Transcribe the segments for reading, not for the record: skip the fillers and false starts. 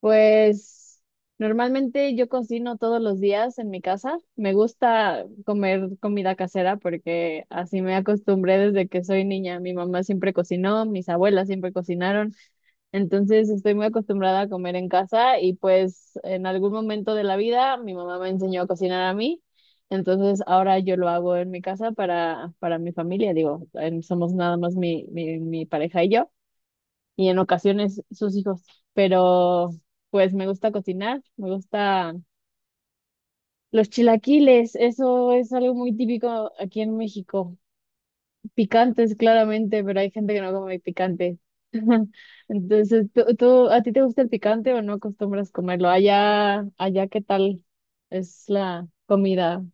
Pues normalmente yo cocino todos los días en mi casa. Me gusta comer comida casera porque así me acostumbré desde que soy niña. Mi mamá siempre cocinó, mis abuelas siempre cocinaron. Entonces estoy muy acostumbrada a comer en casa y pues en algún momento de la vida mi mamá me enseñó a cocinar a mí. Entonces ahora yo lo hago en mi casa para mi familia. Digo, somos nada más mi pareja y yo y en ocasiones sus hijos. Pero pues me gusta cocinar, me gusta los chilaquiles, eso es algo muy típico aquí en México. Picantes, claramente, pero hay gente que no come picante. Entonces, a ti te gusta el picante o no acostumbras comerlo? ¿Qué tal es la comida?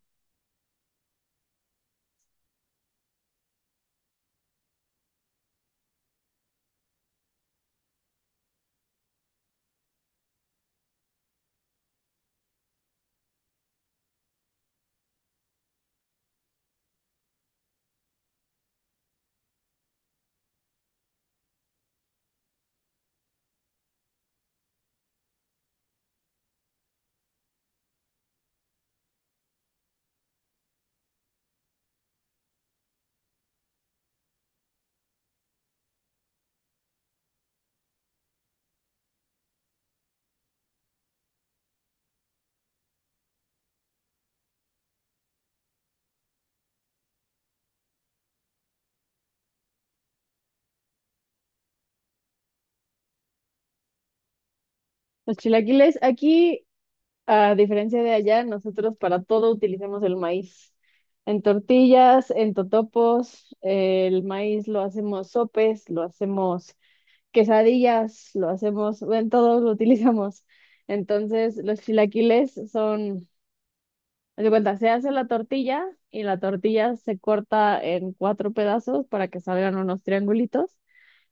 Los chilaquiles aquí, a diferencia de allá, nosotros para todo utilizamos el maíz. En tortillas, en totopos, el maíz lo hacemos sopes, lo hacemos quesadillas, lo hacemos, en todo lo utilizamos. Entonces, los chilaquiles son, haz de cuenta, se hace la tortilla y la tortilla se corta en cuatro pedazos para que salgan unos triangulitos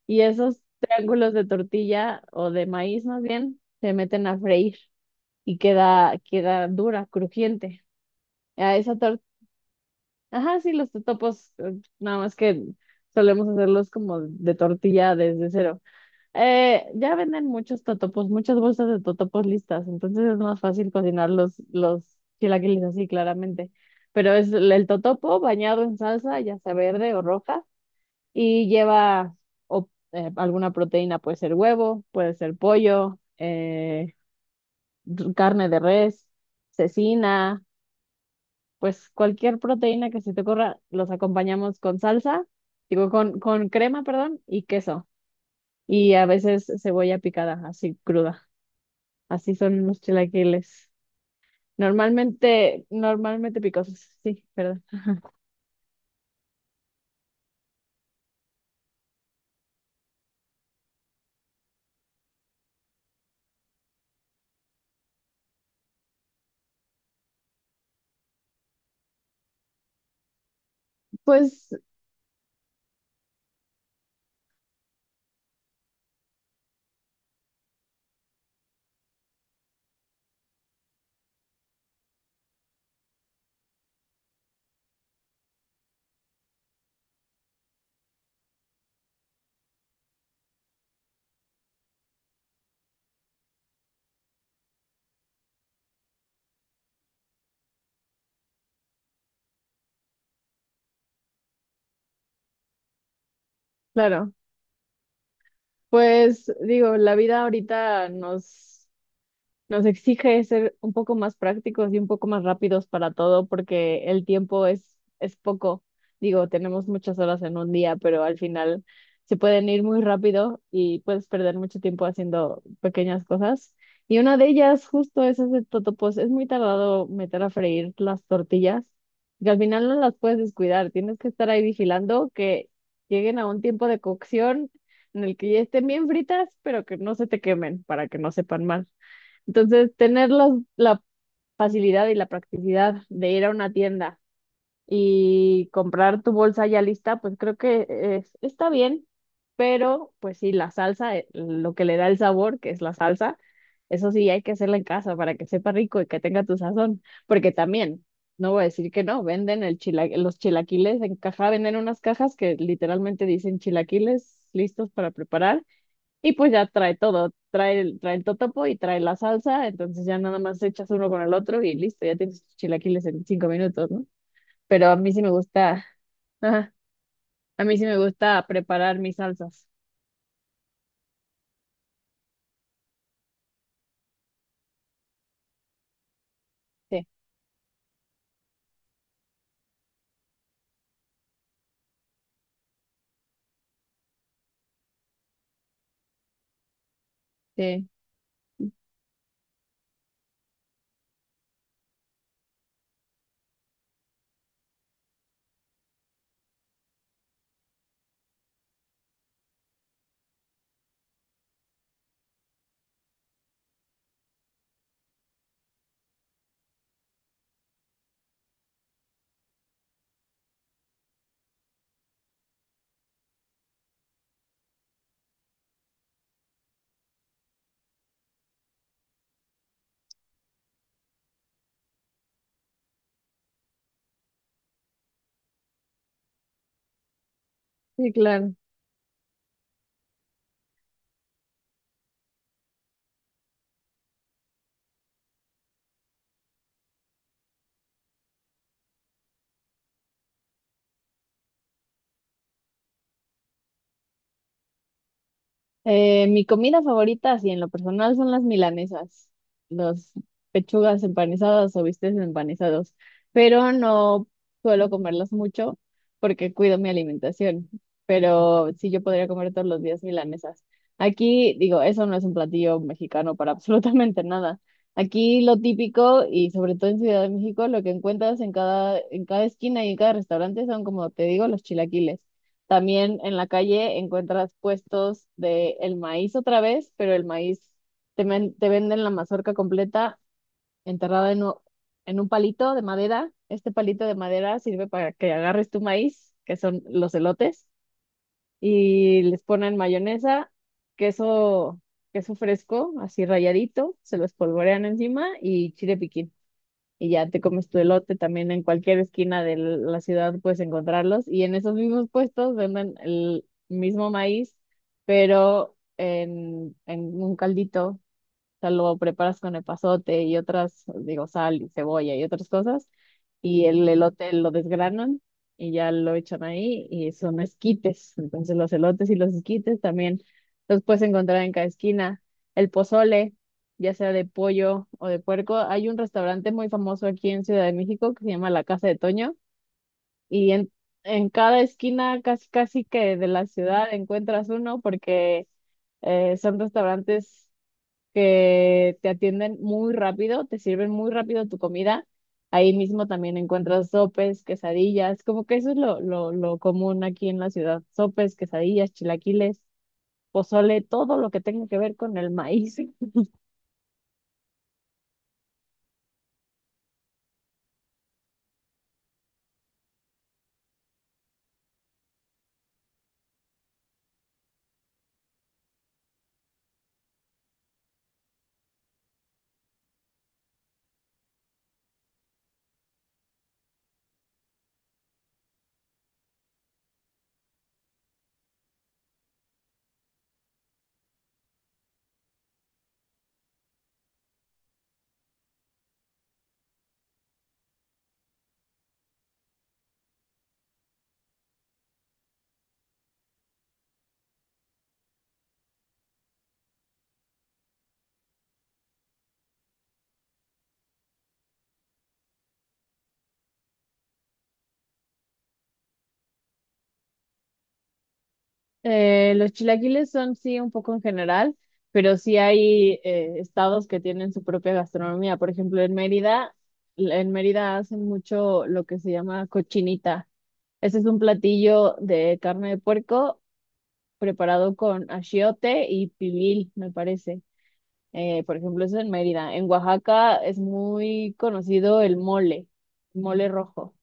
y esos triángulos de tortilla o de maíz más bien se meten a freír y queda, queda dura, crujiente. A esa torta, ajá, sí, los totopos, nada más que solemos hacerlos como de tortilla desde cero. Ya venden muchos totopos, muchas bolsas de totopos listas, entonces es más fácil cocinar los chilaquiles así, claramente. Pero es el totopo bañado en salsa, ya sea verde o roja, y lleva alguna proteína, puede ser huevo, puede ser pollo, carne de res, cecina. Pues cualquier proteína que se te ocurra, los acompañamos con salsa, digo, con crema, perdón, y queso. Y a veces cebolla picada, así cruda. Así son los chilaquiles. Normalmente picosos, sí, perdón. Pues, claro, pues digo, la vida ahorita nos nos exige ser un poco más prácticos y un poco más rápidos para todo porque el tiempo es poco. Digo, tenemos muchas horas en un día, pero al final se pueden ir muy rápido y puedes perder mucho tiempo haciendo pequeñas cosas. Y una de ellas justo es hacer totopos. Es muy tardado meter a freír las tortillas, que al final no las puedes descuidar. Tienes que estar ahí vigilando que lleguen a un tiempo de cocción en el que ya estén bien fritas, pero que no se te quemen para que no sepan mal. Entonces, tener la facilidad y la practicidad de ir a una tienda y comprar tu bolsa ya lista, pues creo que está bien, pero pues sí, la salsa, lo que le da el sabor, que es la salsa, eso sí hay que hacerla en casa para que sepa rico y que tenga tu sazón, porque también, no voy a decir que no, venden los chilaquiles en caja, venden unas cajas que literalmente dicen chilaquiles listos para preparar y pues ya trae todo, trae el totopo y trae la salsa, entonces ya nada más echas uno con el otro y listo, ya tienes tus chilaquiles en cinco minutos, ¿no? Pero a mí sí me gusta, ajá, a mí sí me gusta preparar mis salsas. Sí, sí, sí, claro. Mi comida favorita, así en lo personal, son las milanesas, los pechugas empanizadas o bistecs empanizados, pero no suelo comerlas mucho porque cuido mi alimentación, pero sí yo podría comer todos los días milanesas. Aquí, digo, eso no es un platillo mexicano para absolutamente nada. Aquí lo típico y sobre todo en Ciudad de México, lo que encuentras en cada esquina y en cada restaurante son, como te digo, los chilaquiles. También en la calle encuentras puestos de el maíz otra vez, pero el maíz te venden la mazorca completa enterrada en, en un palito de madera. Este palito de madera sirve para que agarres tu maíz, que son los elotes, y les ponen mayonesa, queso, queso fresco, así rayadito, se lo espolvorean encima y chile piquín y ya te comes tu elote también en cualquier esquina de la ciudad puedes encontrarlos y en esos mismos puestos venden el mismo maíz, pero en un caldito, o sea, lo preparas con epazote y otras, digo, sal y cebolla y otras cosas. Y el elote lo desgranan y ya lo echan ahí y son esquites. Entonces los elotes y los esquites también los puedes encontrar en cada esquina. El pozole, ya sea de pollo o de puerco. Hay un restaurante muy famoso aquí en Ciudad de México que se llama La Casa de Toño y en cada esquina casi casi que de la ciudad encuentras uno porque son restaurantes que te atienden muy rápido, te sirven muy rápido tu comida. Ahí mismo también encuentras sopes, quesadillas, como que eso es lo común aquí en la ciudad. Sopes, quesadillas, chilaquiles, pozole, todo lo que tenga que ver con el maíz. Los chilaquiles son sí un poco en general, pero sí hay estados que tienen su propia gastronomía. Por ejemplo, en Mérida hacen mucho lo que se llama cochinita. Ese es un platillo de carne de puerco preparado con achiote y pibil, me parece. Por ejemplo, eso en Mérida. En Oaxaca es muy conocido el mole, mole rojo.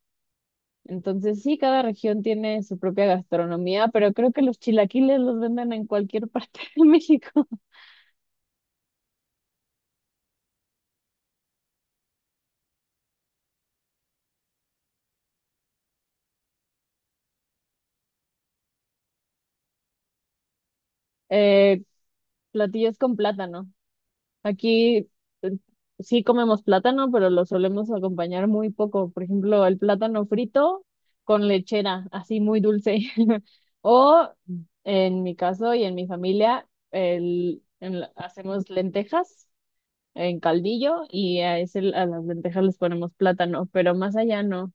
Entonces, sí, cada región tiene su propia gastronomía, pero creo que los chilaquiles los venden en cualquier parte de México. Eh, platillos con plátano. Aquí eh, sí comemos plátano, pero lo solemos acompañar muy poco. Por ejemplo, el plátano frito con lechera, así muy dulce. O en mi caso y en mi familia, el, hacemos lentejas en caldillo y a, ese, a las lentejas les ponemos plátano, pero más allá no.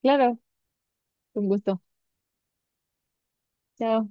Claro, con gusto. Chao.